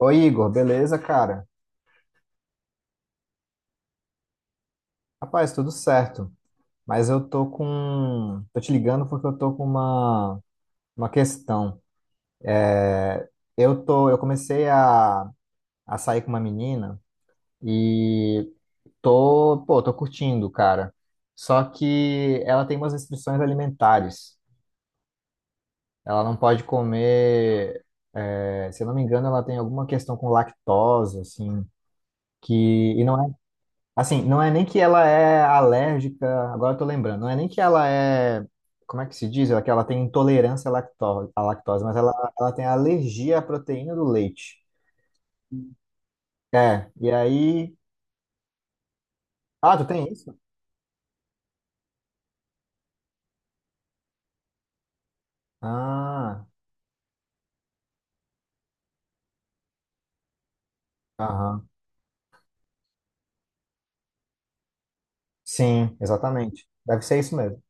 Oi, Igor, beleza, cara? Rapaz, tudo certo. Mas eu tô com. Tô te ligando porque eu tô com uma questão. Eu tô. Eu comecei a sair com uma menina e tô. Pô, tô curtindo, cara. Só que ela tem umas restrições alimentares. Ela não pode comer. É, se eu não me engano, ela tem alguma questão com lactose, assim. Que, e não é. Assim, não é nem que ela é alérgica, agora eu tô lembrando, não é nem que ela é, como é que se diz? É que ela tem intolerância à lactose, mas ela tem alergia à proteína do leite. É, e aí. Ah, tu tem isso? Ah, aham. Sim, exatamente. Deve ser isso mesmo.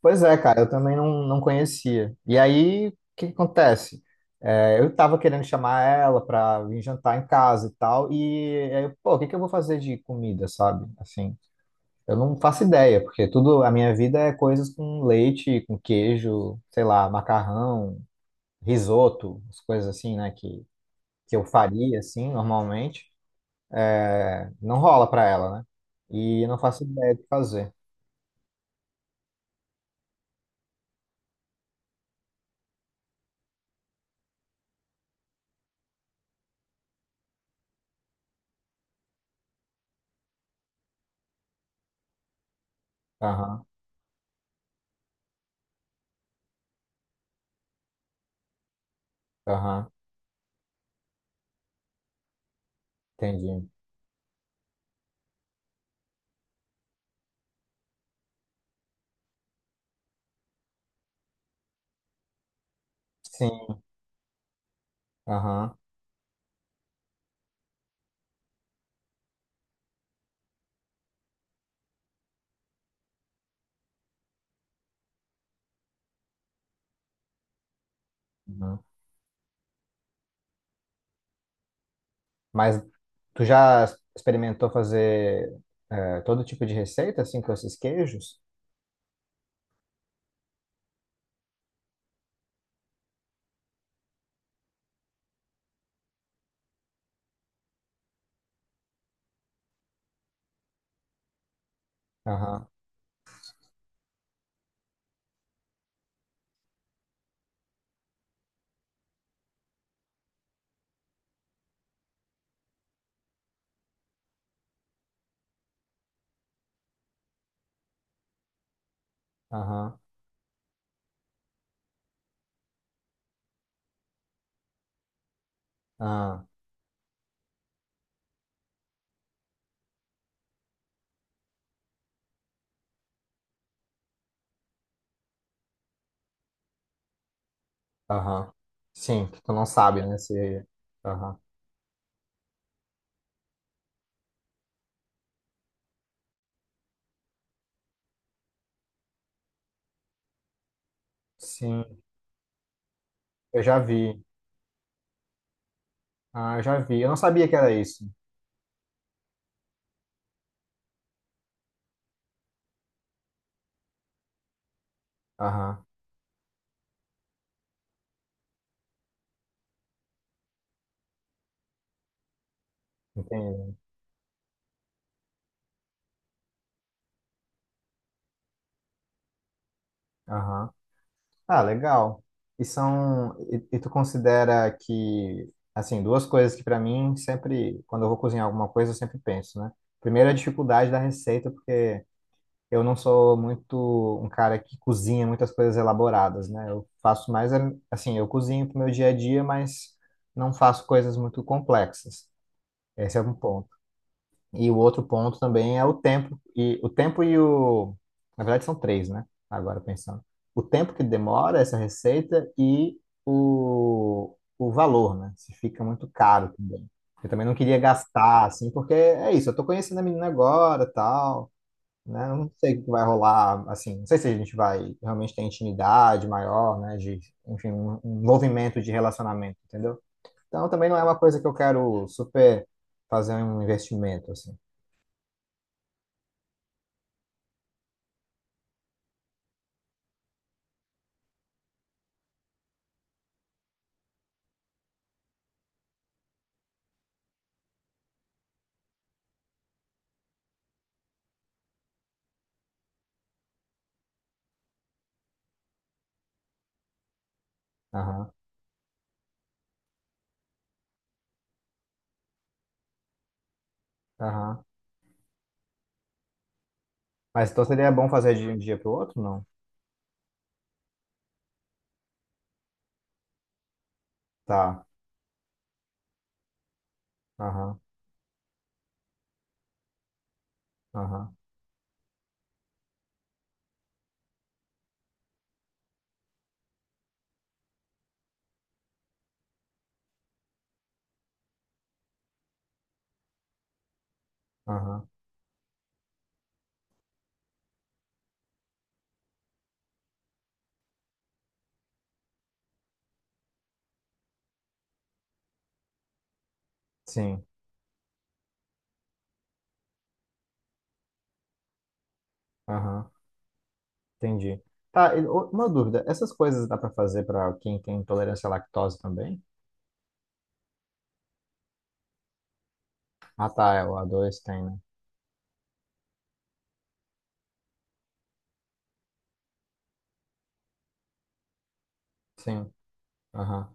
Pois é, cara, eu também não conhecia. E aí, o que que acontece? É, eu tava querendo chamar ela pra vir jantar em casa e tal, e aí, pô, o que que eu vou fazer de comida, sabe? Assim. Eu não faço ideia, porque tudo a minha vida é coisas com leite, com queijo, sei lá, macarrão, risoto, as coisas assim, né, que eu faria assim normalmente. É, não rola pra ela, né? E eu não faço ideia do que fazer. Aham, aham, entendi. Sim, aham, aham. Mas tu já experimentou fazer todo tipo de receita, assim, com esses queijos? Aham, aham, aham, aham. Sim, que tu não sabe, né? Se... Aham. Sim, eu já vi. Ah, eu já vi. Eu não sabia que era isso. Aham, entendi. Aham. Ah, legal. E são. E tu considera que, assim, duas coisas que pra mim sempre, quando eu vou cozinhar alguma coisa, eu sempre penso, né? Primeiro, a dificuldade da receita, porque eu não sou muito um cara que cozinha muitas coisas elaboradas, né? Eu faço mais, é, assim, eu cozinho pro meu dia a dia, mas não faço coisas muito complexas. Esse é um ponto. E o outro ponto também é o tempo. E o tempo e o. Na verdade, são três, né? Agora pensando. O tempo que demora essa receita e o valor, né? Se fica muito caro também. Eu também não queria gastar, assim, porque é isso, eu tô conhecendo a menina agora, tal, né? Eu não sei o que vai rolar, assim, não sei se a gente vai realmente ter intimidade maior, né? De, enfim, um envolvimento de relacionamento, entendeu? Então também não é uma coisa que eu quero super fazer um investimento, assim. Aham, aham. Mas então seria bom fazer de um dia para o outro, não? Tá. Aham, aham, aham. Sim, aham. Entendi. Tá, e o- uma dúvida. Essas coisas dá para fazer para quem tem intolerância à lactose também? Ah, tá, é, o A2 tem, né? Sim, aham.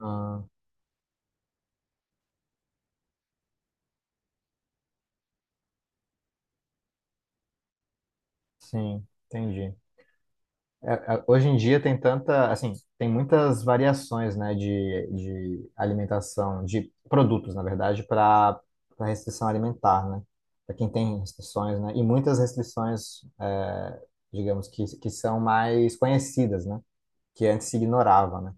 Ah, sim, entendi. É, é, hoje em dia tem tanta, assim, tem muitas variações, né, de alimentação, de produtos, na verdade, para restrição alimentar, né? Para quem tem restrições, né? E muitas restrições, é, digamos que são mais conhecidas, né? Que antes se ignorava, né?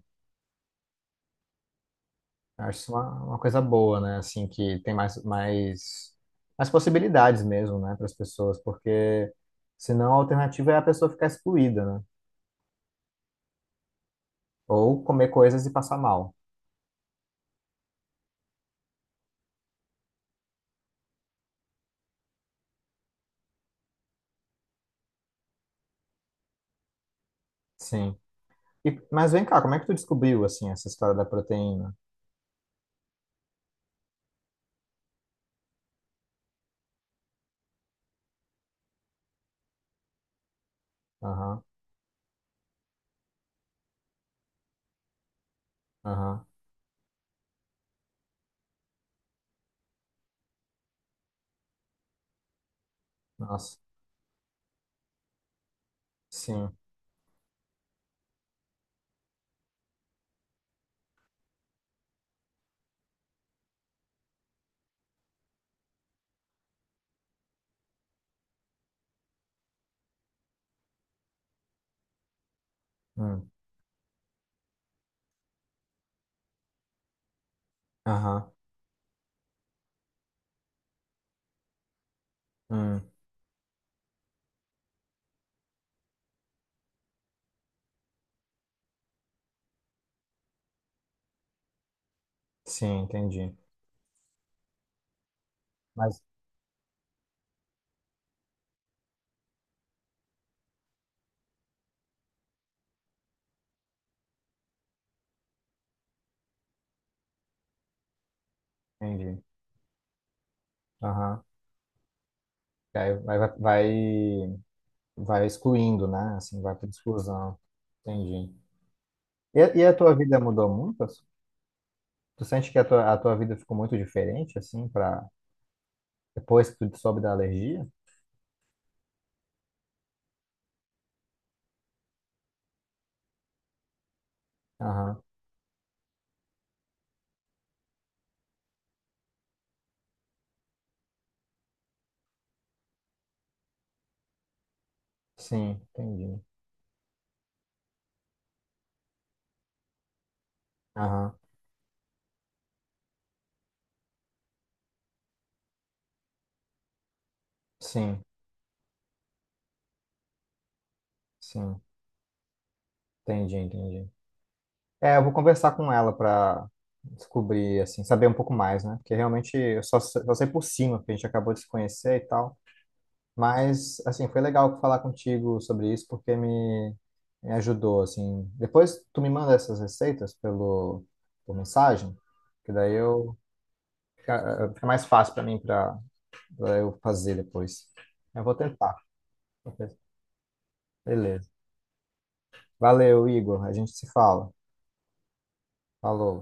Eu acho isso uma coisa boa, né? Assim, que tem mais, mais possibilidades mesmo, né, para as pessoas, porque senão a alternativa é a pessoa ficar excluída, né? Ou comer coisas e passar mal. Sim. E- mas vem cá, como é que tu descobriu, assim, essa história da proteína? Aham, aham, nossa, sim, hum, aham, hum, sim, entendi. Mas, entendi, aham. E aí vai, vai excluindo, né? Assim, vai por exclusão, entendi. E a tua vida mudou muito? Tu sente que a tua vida ficou muito diferente, assim, pra, depois que tu soube da alergia? Aham, sim, entendi. Aham, sim, sim, entendi, entendi. É, eu vou conversar com ela para descobrir, assim, saber um pouco mais, né? Porque realmente eu só, só sei por cima, porque a gente acabou de se conhecer e tal. Mas, assim, foi legal falar contigo sobre isso, porque me ajudou, assim. Depois tu me manda essas receitas pelo, por mensagem, que daí eu fica mais fácil para mim, para eu fazer depois. Eu vou tentar. Beleza. Valeu, Igor. A gente se fala. Falou.